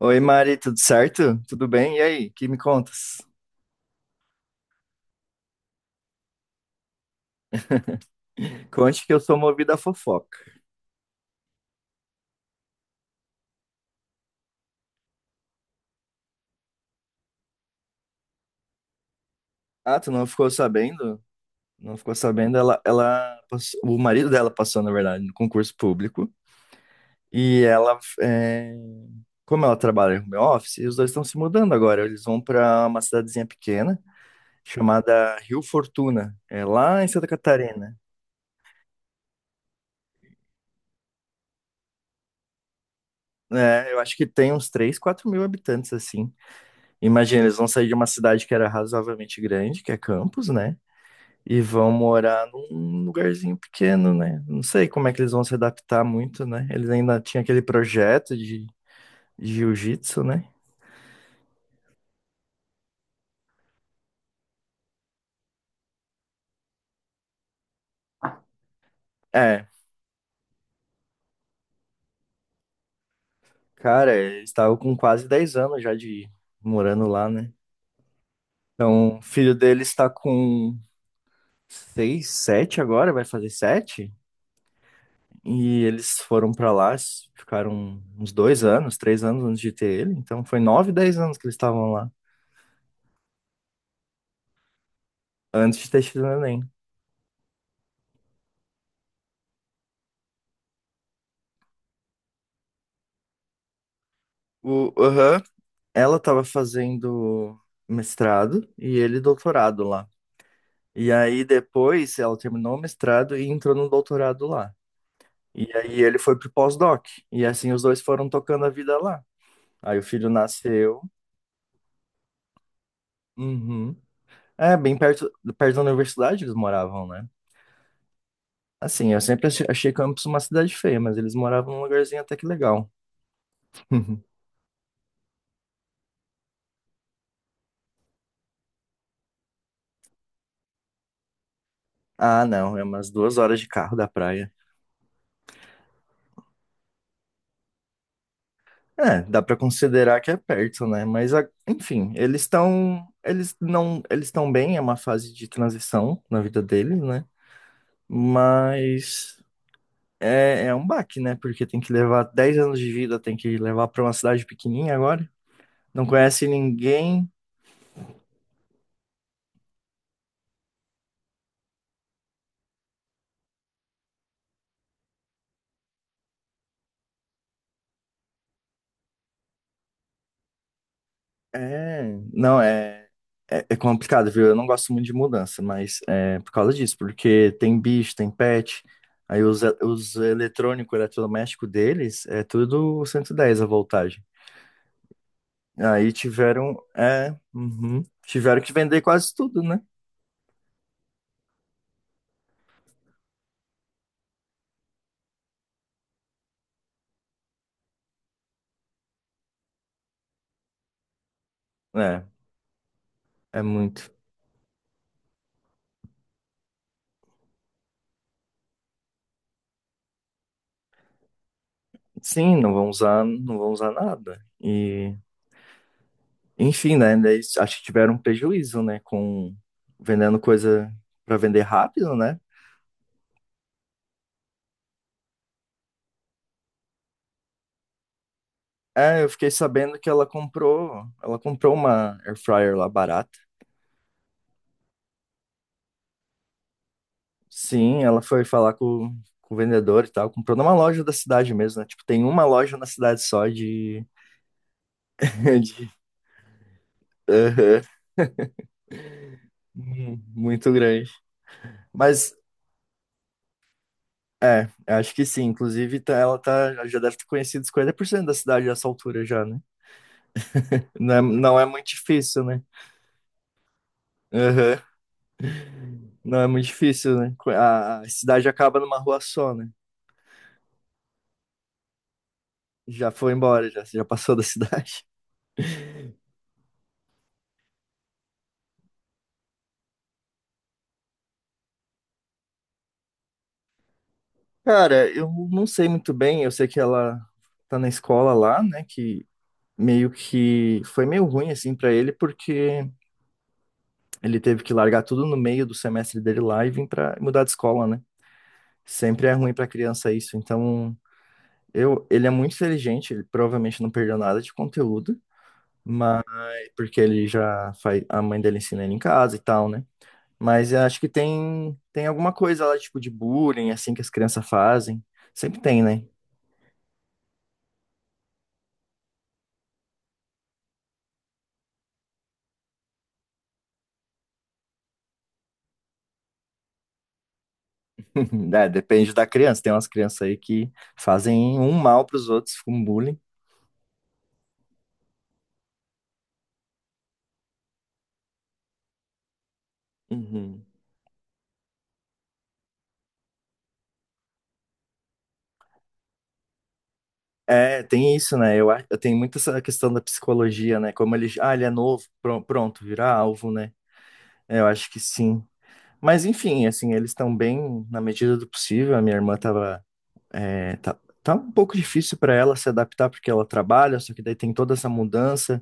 Oi, Mari, tudo certo? Tudo bem? E aí, que me contas? Conte que eu sou movido a fofoca. Ah, tu não ficou sabendo? Não ficou sabendo? O marido dela passou, na verdade, no concurso público. E ela, é, como ela trabalha no meu office, os dois estão se mudando agora. Eles vão para uma cidadezinha pequena chamada Rio Fortuna, é lá em Santa Catarina. É, eu acho que tem uns 3, 4 mil habitantes, assim. Imagina, eles vão sair de uma cidade que era razoavelmente grande, que é Campos, né? E vão morar num lugarzinho pequeno, né? Não sei como é que eles vão se adaptar muito, né? Eles ainda tinham aquele projeto de jiu-jitsu, né? É, cara, eles estavam com quase 10 anos já de morando lá, né? Então, o filho dele está com 6, 7 agora, vai fazer 7. E eles foram pra lá, ficaram uns 2 anos, 3 anos antes de ter ele. Então, foi 9, 10 anos que eles estavam lá, antes de ter tido o neném. O, aham. Ela estava fazendo mestrado e ele doutorado lá. E aí depois ela terminou o mestrado e entrou no doutorado lá. E aí ele foi pro pós-doc. E assim os dois foram tocando a vida lá. Aí o filho nasceu. Uhum. É, bem perto da universidade eles moravam, né? Assim, eu sempre achei Campos uma cidade feia, mas eles moravam num lugarzinho até que legal. Ah, não, é umas 2 horas de carro da praia. É, dá para considerar que é perto, né? Mas, enfim, eles estão, eles não, eles estão bem, é uma fase de transição na vida deles, né? Mas é um baque, né? Porque tem que levar 10 anos de vida, tem que levar para uma cidade pequenininha agora. Não conhece ninguém. É, não, é complicado, viu? Eu não gosto muito de mudança, mas é por causa disso, porque tem bicho, tem pet. Aí os eletrônicos, eletrodoméstico deles, é tudo 110 a voltagem. Aí tiveram, é, uhum. tiveram que vender quase tudo, né? É, é muito. Sim, não vão usar nada. E, enfim, né? Daí, acho que tiveram um prejuízo, né? Com vendendo coisa para vender rápido, né? É, eu fiquei sabendo que ela comprou uma air fryer lá barata. Sim, ela foi falar com o vendedor e tal, comprou numa loja da cidade mesmo, né? Tipo, tem uma loja na cidade só de, de- Aham. Hum. Muito grande. Mas é, acho que sim. Inclusive, ela tá, já deve ter conhecido 50% da cidade a essa altura já, né? Não é muito difícil, né? Aham. Não é muito difícil, né? A cidade acaba numa rua só, né? Já foi embora, já passou da cidade. Cara, eu não sei muito bem. Eu sei que ela tá na escola lá, né? Que meio que foi meio ruim, assim, pra ele, porque ele teve que largar tudo no meio do semestre dele lá e vir pra mudar de escola, né? Sempre é ruim pra criança isso. Então. Eu, ele é muito inteligente, ele provavelmente não perdeu nada de conteúdo, mas porque ele já faz, a mãe dele ensina ele em casa e tal, né? Mas eu acho que tem alguma coisa lá tipo de bullying assim que as crianças fazem. Sempre tem, né? É, depende da criança. Tem umas crianças aí que fazem um mal para os outros com bullying. Uhum. É, tem isso, né? Eu, eu tenho muito essa questão da psicologia, né? Como ele, ah, ele é novo, pronto, virar alvo, né? É, eu acho que sim. Mas enfim, assim, eles estão bem na medida do possível. A minha irmã tava, é, tá, tá um pouco difícil para ela se adaptar porque ela trabalha, só que daí tem toda essa mudança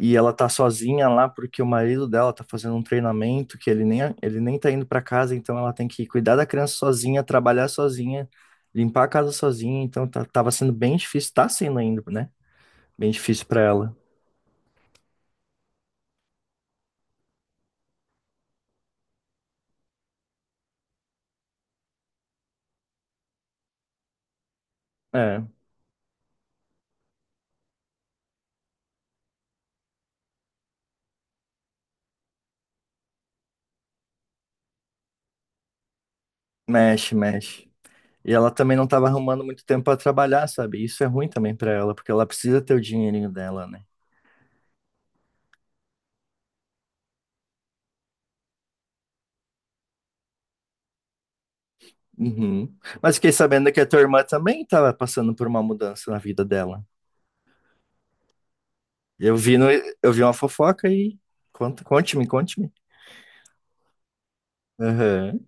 e ela tá sozinha lá porque o marido dela tá fazendo um treinamento que ele nem tá indo para casa, então ela tem que cuidar da criança sozinha, trabalhar sozinha, limpar a casa sozinha, então tá, tava sendo bem difícil, tá sendo ainda, né? Bem difícil para ela. É, mexe, mexe. E ela também não estava arrumando muito tempo para trabalhar, sabe? Isso é ruim também para ela, porque ela precisa ter o dinheirinho dela, né? Uhum. Mas fiquei sabendo que a tua irmã também estava passando por uma mudança na vida dela. Eu vi no, Eu vi uma fofoca e conta, conte-me, conte-me. Aham,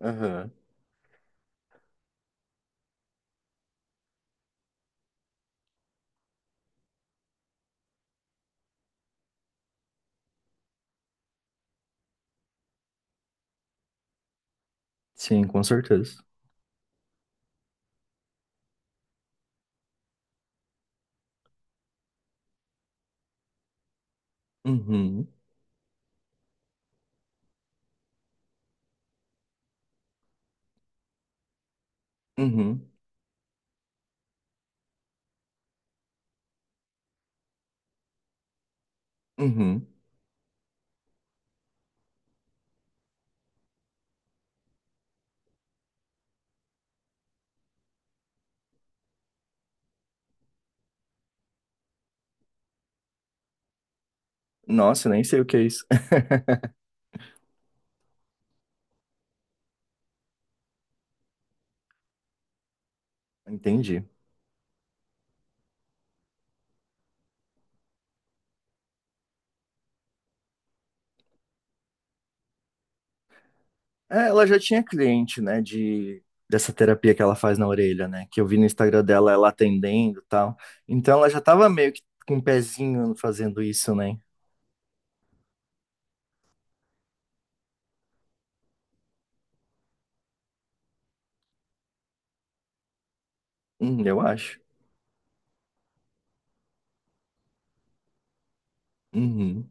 aham. Sim, com certeza. Uhum, uhum, uhum. Nossa, nem sei o que é isso. Entendi. É, ela já tinha cliente, né, de dessa terapia que ela faz na orelha, né, que eu vi no Instagram dela ela atendendo e tal. Então ela já tava meio que com um pezinho fazendo isso, né? Eu acho. Uhum.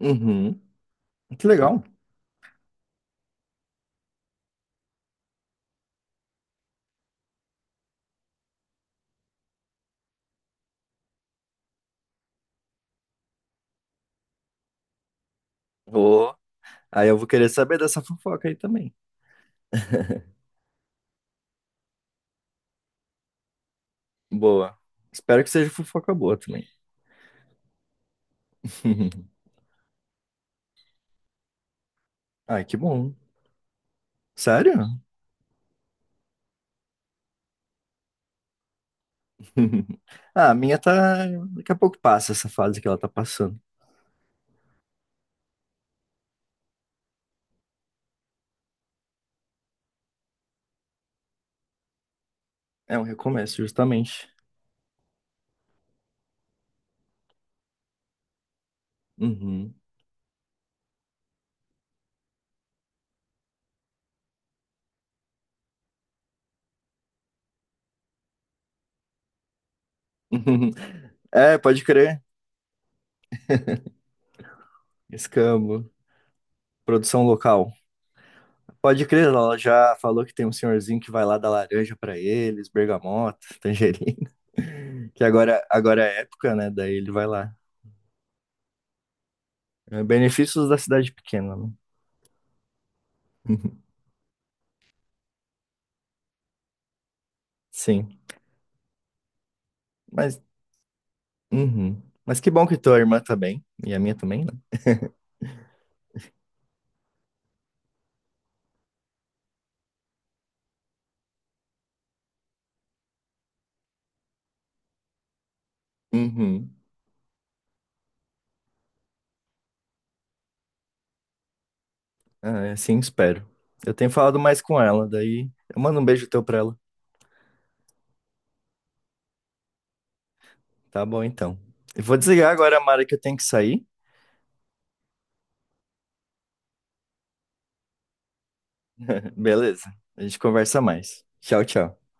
Uhum. Que legal. Vou. Aí eu vou querer saber dessa fofoca aí também. Boa. Espero que seja fofoca boa também. Ai, que bom. Sério? Ah, a minha tá. Daqui a pouco passa essa fase que ela tá passando. É um recomeço, justamente. Uhum. É, pode crer. Escambo. Produção local. Pode crer, ela já falou que tem um senhorzinho que vai lá dar laranja pra eles, bergamota, tangerina. Que agora, agora é época, né? Daí ele vai lá. É, benefícios da cidade pequena, né? Uhum. Sim. Mas, uhum. Mas que bom que tua irmã tá bem. E a minha também, né? Uhum. Ah, é, sim, espero. Eu tenho falado mais com ela, daí eu mando um beijo teu pra ela. Tá bom, então. Eu vou desligar agora, Mara, que eu tenho que sair. Beleza. A gente conversa mais. Tchau, tchau.